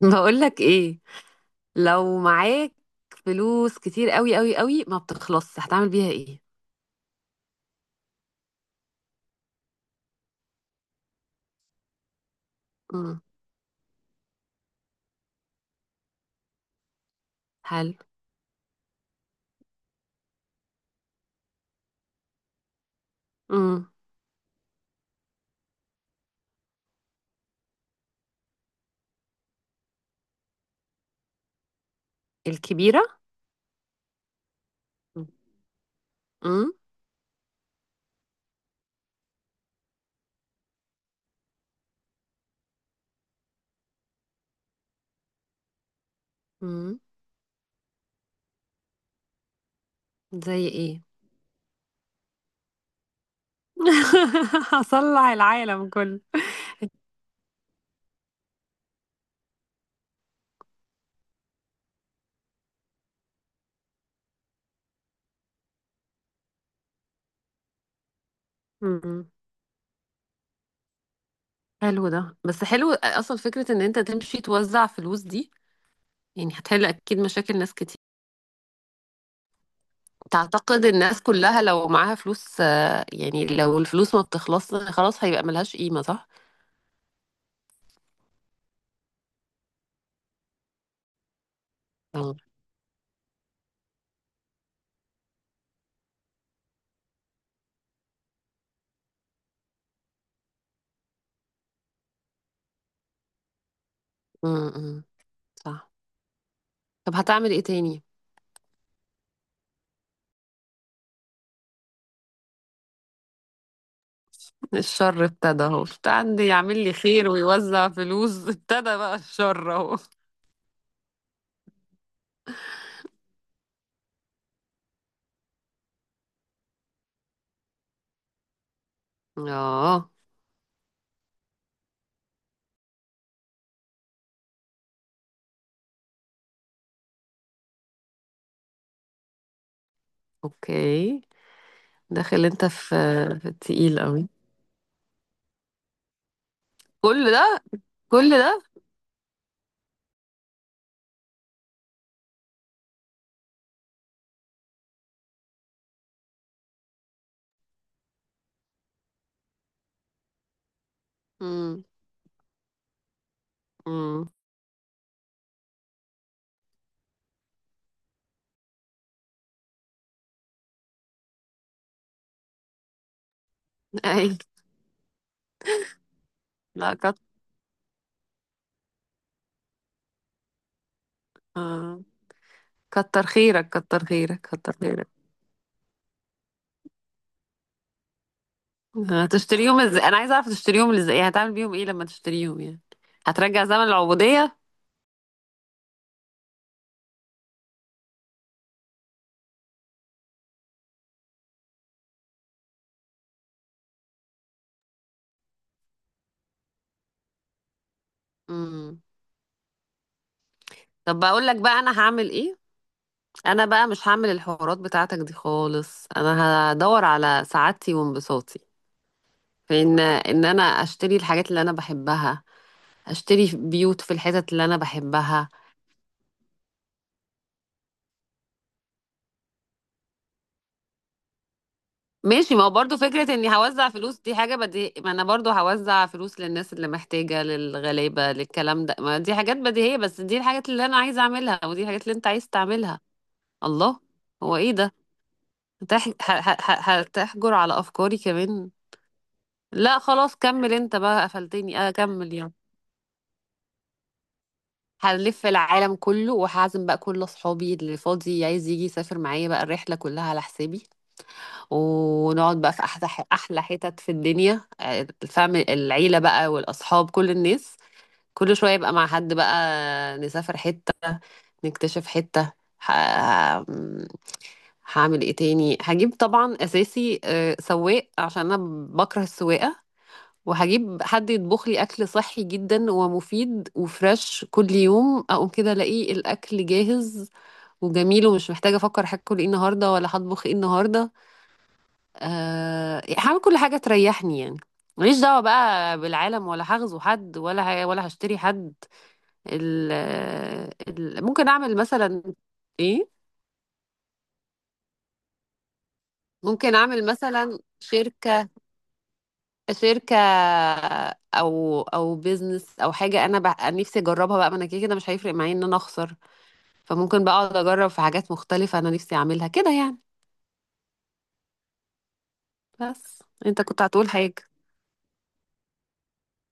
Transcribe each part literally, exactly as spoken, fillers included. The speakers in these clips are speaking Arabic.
بقولك ايه؟ لو معاك فلوس كتير قوي قوي قوي ما بتخلصش هتعمل بيها ايه؟ امم. حلو. امم. الكبيرة. امم. امم. زي ايه؟ هصلح العالم كله. امم. حلو ده، بس حلو اصلا فكرة ان انت تمشي توزع فلوس دي، يعني هتحل اكيد مشاكل ناس كتير. تعتقد الناس كلها لو معاها فلوس آه، يعني لو الفلوس ما بتخلصش خلاص هيبقى ملهاش قيمة صح؟ امم. امم. صح. طب هتعمل ايه تاني؟ الشر ابتدى اهو، كنت عندي يعمل لي خير ويوزع فلوس ابتدى بقى الشر اهو. اه، اوكي. داخل انت في في التقيل قوي. كل ده. كل ده. امم. امم. اي. لا كت... آه. كتر خيرك، كتر خيرك، كتر خيرك. هتشتريهم ازاي؟ انا عايزه اعرف تشتريهم ازاي، يعني هتعمل بيهم ايه لما تشتريهم يعني؟ هترجع زمن العبوديه؟ امم. طب بقول لك بقى انا هعمل ايه. انا بقى مش هعمل الحوارات بتاعتك دي خالص، انا هدور على سعادتي وانبساطي في ان ان انا اشتري الحاجات اللي انا بحبها. اشتري بيوت في الحتت اللي انا بحبها. ماشي، ما هو برضه فكرة اني هوزع فلوس دي حاجة بدي، ما انا برضه هوزع فلوس للناس اللي محتاجة، للغلابة، للكلام ده، ما دي حاجات بديهية، بس دي الحاجات اللي انا عايزة اعملها ودي الحاجات اللي انت عايز تعملها. الله. هو ايه ده؟ هتح... ه... ه... ه- هتحجر على افكاري كمان؟ لا، خلاص كمل انت بقى، قفلتني اه، كمل يعني. هنلف العالم كله وهعزم بقى كل اصحابي اللي فاضي عايز يجي يسافر معايا، بقى الرحله كلها على حسابي. ونقعد بقى في احلى احلى حتت في الدنيا، آه، الفم العيله بقى والاصحاب كل الناس. كل شويه يبقى مع حد بقى نسافر حته. نكتشف حته. ه... ه- هعمل ايه تاني؟ هجيب طبعا اساسي آه، سواق عشان انا بكره السواقه. وهجيب حد يطبخ لي اكل صحي جدا ومفيد وفريش، كل يوم اقوم كده الاقي الاكل جاهز وجميل، ومش محتاجه افكر هاكل ايه النهارده ولا هطبخ ايه النهارده. أه هعمل كل حاجه تريحني يعني. ماليش دعوه بقى بالعالم ولا هغزو حد ولا ه... ولا هشتري حد. ال... ال... ممكن اعمل مثلا. ايه؟ ممكن اعمل مثلا شركه. شركة، او او بيزنس او حاجة انا بح... نفسي اجربها بقى، ما انا كده كده مش هيفرق معايا ان انا اخسر. فممكن بقى اقعد اجرب في حاجات مختلفة انا نفسي اعملها كده يعني. بس انت كنت هتقول حاجة؟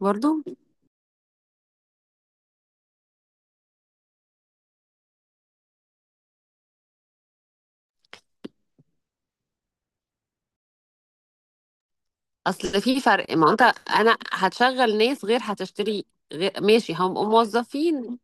برضو. اصل في فرق، ما انت انا هتشغل ناس غير هتشتري. غير ماشي هم موظفين.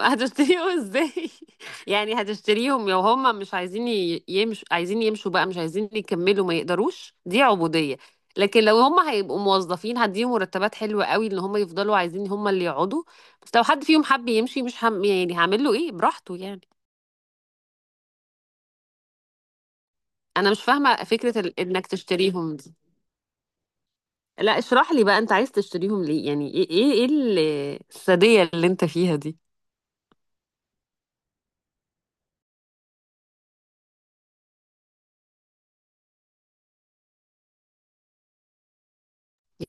هتشتريهم ازاي؟ يعني هتشتريهم لو هم مش عايزين ي- يمشوا، عايزين يمشوا بقى مش عايزين يكملوا ما يقدروش، دي عبودية. لكن لو هم هيبقوا موظفين هديهم مرتبات حلوة قوي ان هم يفضلوا عايزين هم اللي يقعدوا. بس لو حد فيهم حب يمشي مش هم يعني، هعمل له ايه، براحته يعني. انا مش فاهمة فكرة ال... انك تشتريهم دي. لا اشرح لي بقى، انت عايز تشتريهم ليه؟ يعني ايه ايه إيه ال- السادية اللي انت فيها دي؟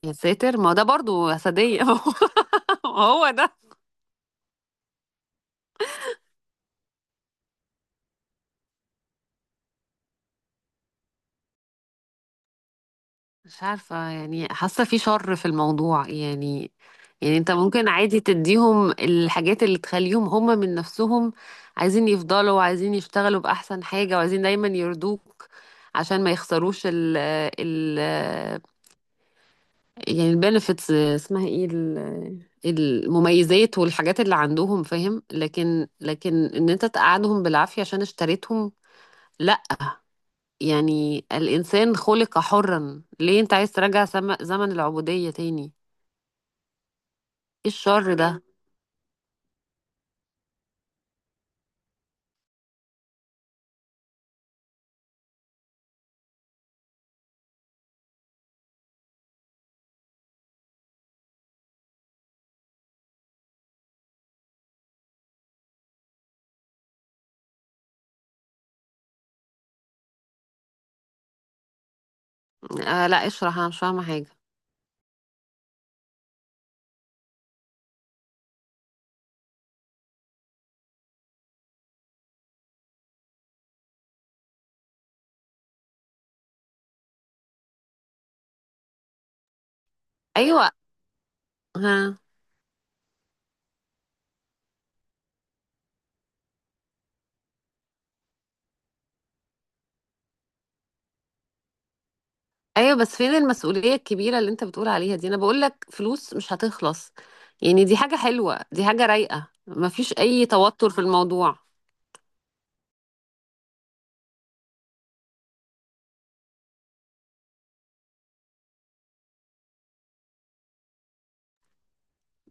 يا ساتر، ما هو ده برضو سادية. هو ده. مش عارفة يعني، حاسة في شر في الموضوع يعني. يعني انت ممكن عادي تديهم الحاجات اللي تخليهم هم من نفسهم عايزين يفضلوا، وعايزين يشتغلوا بأحسن حاجة، وعايزين دايما يرضوك عشان ما يخسروش ال ال يعني البنفيتس، اسمها ايه ال- المميزات والحاجات اللي عندهم فاهم، لكن لكن ان انت تقعدهم بالعافية عشان اشتريتهم. لا. يعني الإنسان خلق حرا، ليه انت عايز ترجع زم- زمن العبودية تاني؟ ايه الشر ده؟ آه، لا اشرح، انا مش فاهمه حاجه. ايوه. ها. ايوه، بس فين المسؤوليه الكبيره اللي انت بتقول عليها دي؟ انا بقول لك فلوس مش هتخلص. يعني دي حاجه حلوه، دي حاجه رايقه، مفيش اي توتر في الموضوع.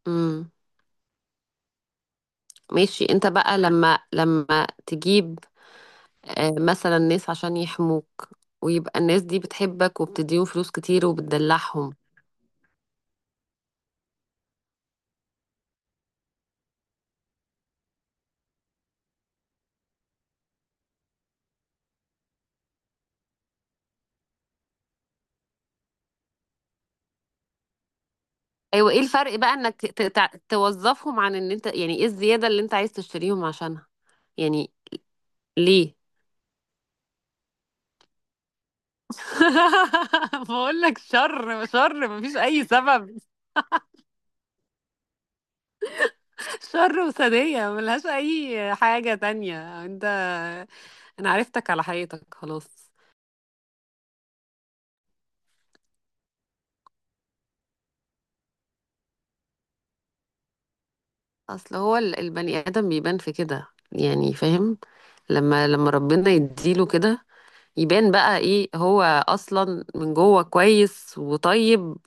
امم. ماشي، انت بقى لما لما تجيب آه، مثلا ناس عشان يحموك ويبقى الناس دي بتحبك وبتديهم فلوس كتير وبتدلعهم. ايوه، ايه الفرق بقى انك ت- ت- تع- توظفهم عن ان انت يعني؟ ايه الزياده اللي انت عايز تشتريهم عشانها؟ يعني. ليه؟ بقول لك شر شر، مفيش اي سبب. شر وسادية ملهاش اي حاجة تانية انت. انا عرفتك على حقيقتك خلاص. اصل هو ال- البني ادم بيبان في كده يعني، فاهم. لما لما ربنا يديله كده، يبان بقى ايه هو اصلا، من جوه كويس وطيب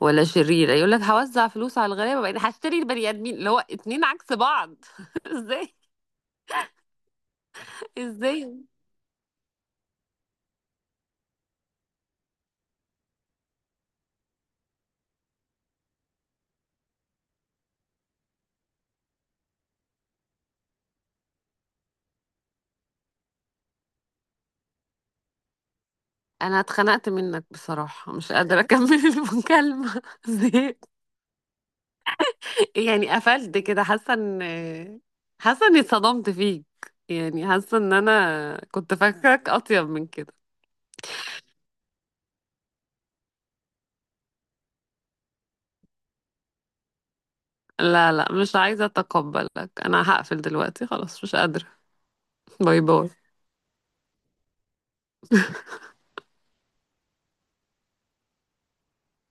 ولا شرير. يقول لك هوزع فلوس على الغلابه بقيت هشتري البني ادمين، اللي هو اتنين عكس بعض. ازاي؟ ازاي؟ انا اتخنقت منك بصراحة، مش قادرة اكمل المكالمة. زهقت. يعني قفلت كده، حاسة ان حاسة اني اتصدمت فيك. يعني حاسة ان انا كنت فاكرك اطيب من كده. لا، لا، مش عايزة اتقبلك، انا هقفل دلوقتي خلاص، مش قادرة. باي باي.